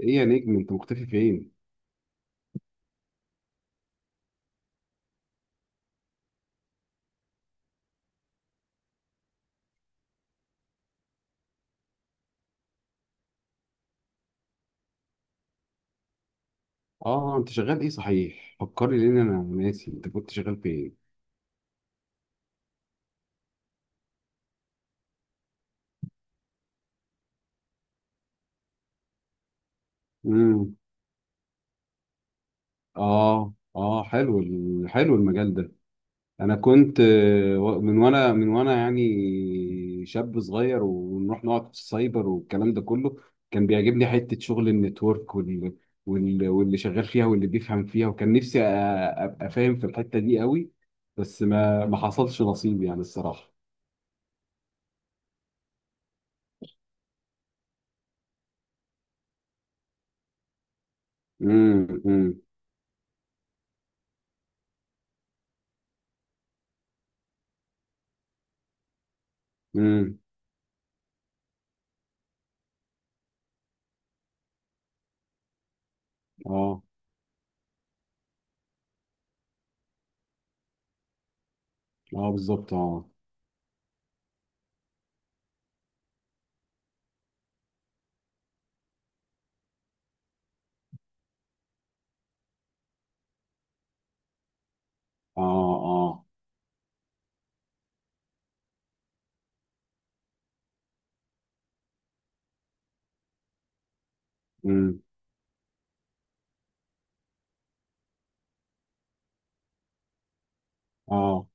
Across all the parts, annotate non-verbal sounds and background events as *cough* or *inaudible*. ايه يا نجم انت مختفي فين؟ اه انت شغال ايه؟ صحيح فكرني لان انا ناسي انت كنت شغال فين. امم اه اه حلو حلو المجال ده. انا كنت من وانا يعني شاب صغير ونروح نقعد في السايبر والكلام ده كله، كان بيعجبني حتة شغل النتورك واللي شغال فيها واللي بيفهم فيها، وكان نفسي ابقى فاهم في الحتة دي قوي. بس ما حصلش نصيب يعني الصراحة. امم امم امم. اه اه بالظبط اه. اه اه. امم اه.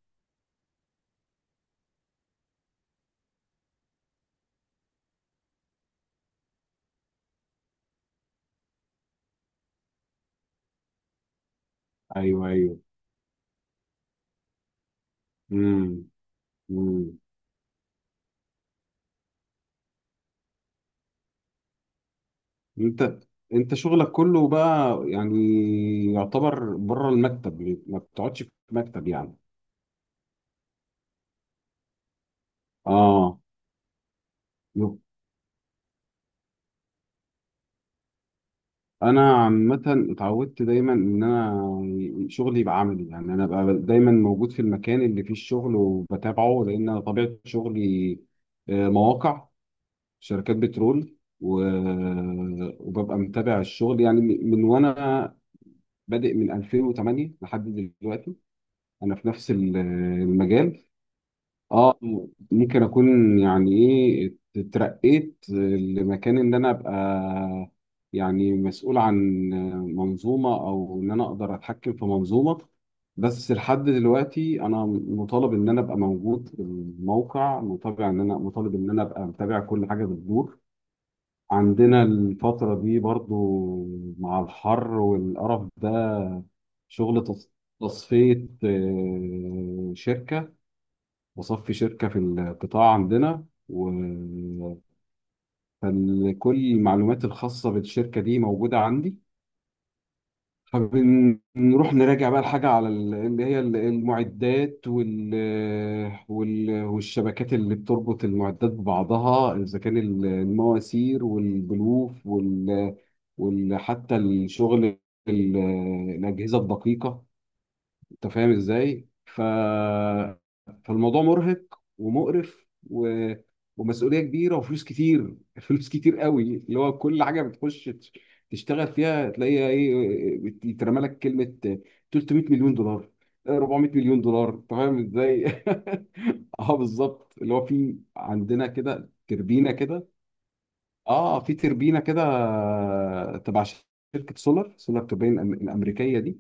ايوه ايوه. امم امم. انت انت شغلك كله بقى يعني يعتبر بره المكتب، ما بتقعدش في مكتب يعني. اه. يب. انا عامه اتعودت دايما ان انا شغلي يبقى عملي، يعني انا بقى دايما موجود في المكان اللي فيه الشغل وبتابعه، لان أنا طبيعه شغلي مواقع شركات بترول و... وببقى متابع الشغل يعني من وانا بادئ من 2008 لحد دلوقتي انا في نفس المجال. اه، ممكن اكون يعني ايه اترقيت لمكان ان انا ابقى يعني مسؤول عن منظومة، او ان انا اقدر اتحكم في منظومة، بس لحد دلوقتي انا مطالب ان انا ابقى موجود في الموقع، مطالب ان انا ابقى متابع كل حاجة بتدور عندنا الفترة دي برضو مع الحر والقرف ده. شغل تص- تصفية شركة، بصفي شركة في القطاع عندنا فكل المعلومات الخاصة بالشركة دي موجودة عندي. فبنروح نراجع بقى الحاجة على المعدات والشبكات اللي بتربط المعدات ببعضها، إذا كان المواسير والبلوف حتى الشغل ال- الأجهزة الدقيقة، انت فاهم ازاي؟ فالموضوع مرهق ومقرف ومسؤوليه كبيره وفلوس كتير *laughs* فلوس كتير قوي، اللي هو كل حاجه بتخش تشتغل فيها تلاقيها ايه، يترمى لك كلمه 300 مليون دولار، 400 مليون دولار، انت فاهم ازاي؟ *laughs* اه بالظبط، اللي هو في عندنا كده تربينه كده. اه في تربينه كده تبع شركه سولار توربين الامريكيه دي.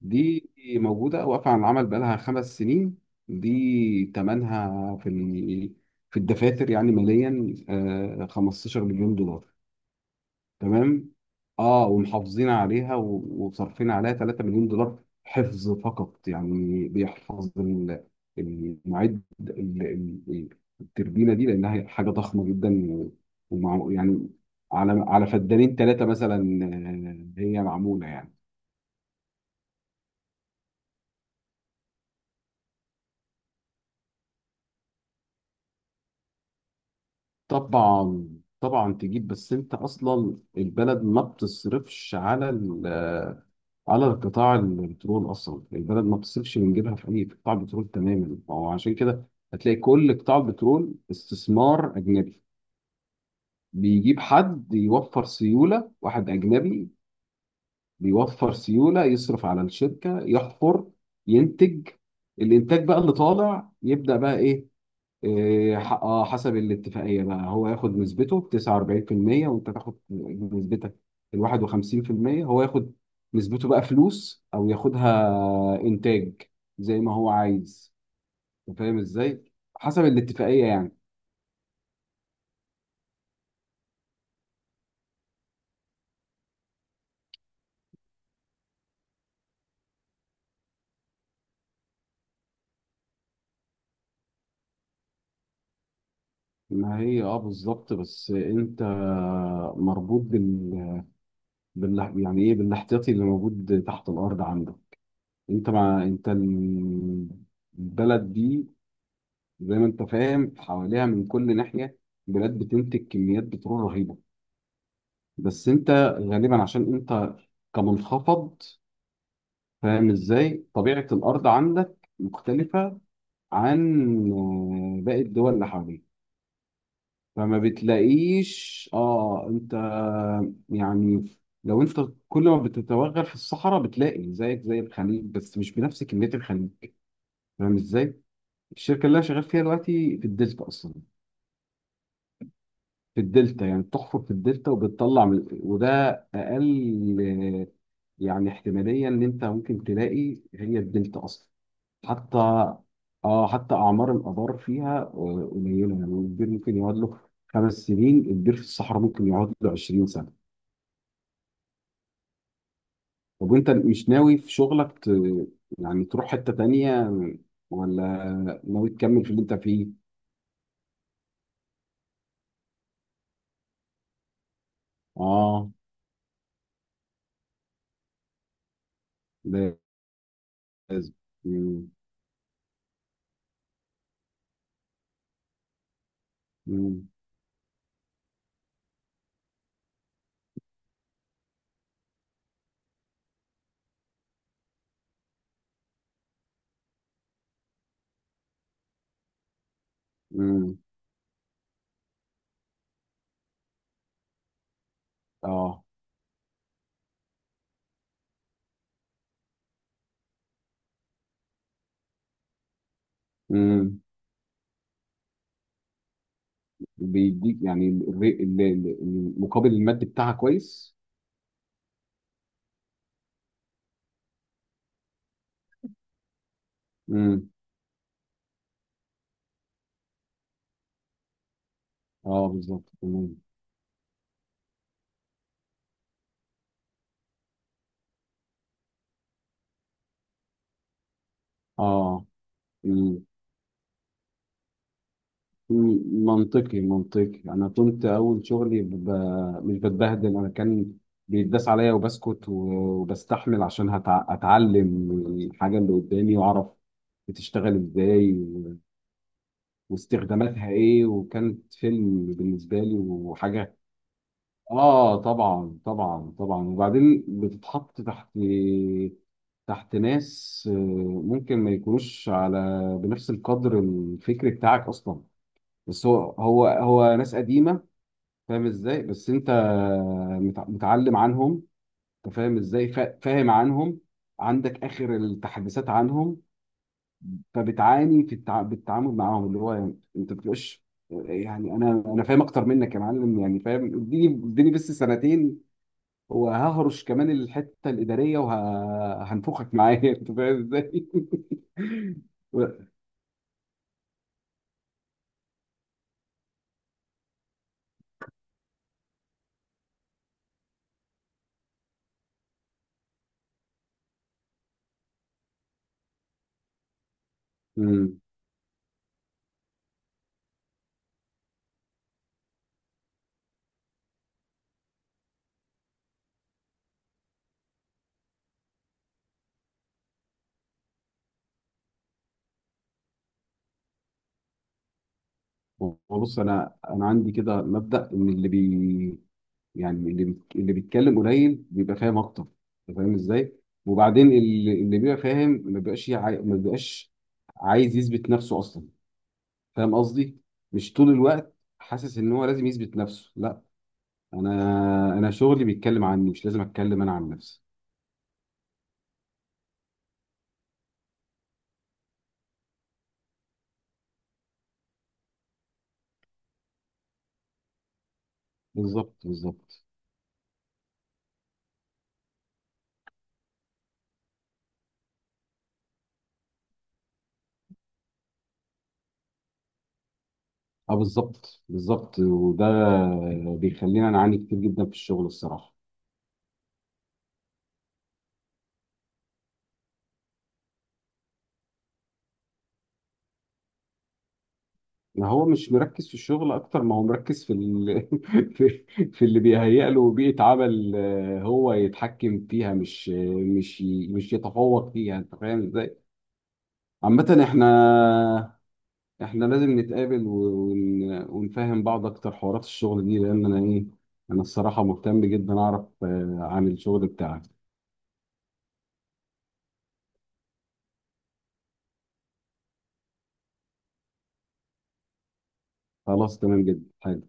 دي موجودة واقفة على العمل بقالها خمس سنين. دي تمنها في في الدفاتر يعني ماليا 15 مليون دولار. تمام. اه ومحافظين عليها وصارفين عليها 3 مليون دولار حفظ فقط، يعني بيحفظ المعد ال- ال- التربينة دي، لأنها هي حاجة ضخمة جدا ومع يعني، على على فدانين ثلاثة مثلا، هي معمولة يعني. طبعا. طبعا تجيب، بس انت اصلا البلد ما بتصرفش على على القطاع البترول، اصلا البلد ما بتصرفش من جيبها في اي قطاع بترول تماما، فهو عشان كده هتلاقي كل قطاع البترول استثمار اجنبي، بيجيب حد يوفر سيوله، واحد اجنبي بيوفر سيوله، يصرف على الشركه، يحفر، ينتج. الانتاج بقى اللي طالع يبدا بقى ايه، اه حسب الاتفاقيه بقى هو ياخد نسبته 49% وانت تاخد نسبتك ال 51%. هو ياخد نسبته بقى فلوس او ياخدها انتاج زي ما هو عايز، أنت فاهم ازاي؟ حسب الاتفاقيه يعني. ما هي اه بالظبط، بس انت مربوط يعني ايه بالاحتياطي اللي موجود تحت الارض عندك. انت مع انت البلد دي زي ما انت فاهم حواليها من كل ناحية بلاد بتنتج كميات بترول رهيبة، بس انت غالبا عشان انت كمنخفض، فاهم ازاي؟ طبيعة الأرض عندك مختلفة عن باقي الدول اللي حواليك. فما بتلاقيش اه، انت يعني لو انت كل ما بتتوغل في الصحراء بتلاقي زيك زي الخليج، بس مش بنفس كمية الخليج، فاهم ازاي؟ الشركة اللي انا شغال فيها دلوقتي في الديسك اصلا، في الدلتا يعني، بتحفر في الدلتا وبتطلع من وده اقل، آه، يعني احتماليه ان انت ممكن تلاقي، هي الدلتا اصلا حتى، اه حتى اعمار الابار فيها قليله، يعني البير ممكن يقعد له خمس سنين، البير في الصحراء ممكن يقعد له 20 سنه. طب وانت مش ناوي في شغلك يعني تروح حته تانيه، ولا ناوي تكمل في اللي انت فيه؟ اه لازم. مم. مم. مم. اه. مم. وبيديك يعني المقابل المادي بتاعها كويس. امم اه بالظبط تمام. اه. مم. مم. منطقي منطقي. انا كنت اول شغلي مش بتبهدل، انا كان بيتداس عليا وبسكت وبستحمل عشان اتعلم الحاجه اللي قدامي واعرف بتشتغل ازاي واستخداماتها ايه، وكانت فيلم بالنسبه لي وحاجه. اه طبعا طبعا طبعا. وبعدين بتتحط تحت، تحت ناس ممكن ما يكونوش على بنفس القدر الفكري بتاعك اصلا، بس هو ناس قديمه، فاهم ازاي؟ بس انت متعلم عنهم، انت فاهم ازاي؟ فاهم عنهم، عندك اخر التحديثات عنهم، فبتعاني في بالتعامل معاهم، اللي هو يعني انت بتبقاش يعني انا فاهم اكتر منك يا معلم، يعني فاهم، اديني بس سنتين وههرش كمان الحته الاداريه وهنفخك معايا *laughs* انت فاهم ازاي؟ *laughs* و- مم. وبص انا عندي كده مبدا ان اللي بي يعني اللي بي- اللي بيتكلم قليل بيبقى فاهم اكتر، انت فاهم ازاي؟ وبعدين اللي بيبقى فاهم ما بيبقاش عايز يثبت نفسه اصلا، فاهم قصدي؟ مش طول الوقت حاسس ان هو لازم يثبت نفسه. لا، انا انا شغلي بيتكلم عني، مش لازم اتكلم انا عن نفسي. بالظبط بالظبط. اه بالظبط بالظبط. وده بيخلينا نعاني كتير جدا في الشغل الصراحه. ما هو مش مركز في الشغل اكتر ما هو مركز في *laughs* في في اللي بيهيأ له بيئه عمل هو يتحكم فيها، مش مش يتفوق فيها، انت فاهم ازاي؟ عامه احنا، احنا لازم نتقابل ونفهم بعض اكتر حوارات الشغل دي، لان انا ايه، انا الصراحه مهتم جدا اعرف عن الشغل بتاعك. خلاص تمام جدا.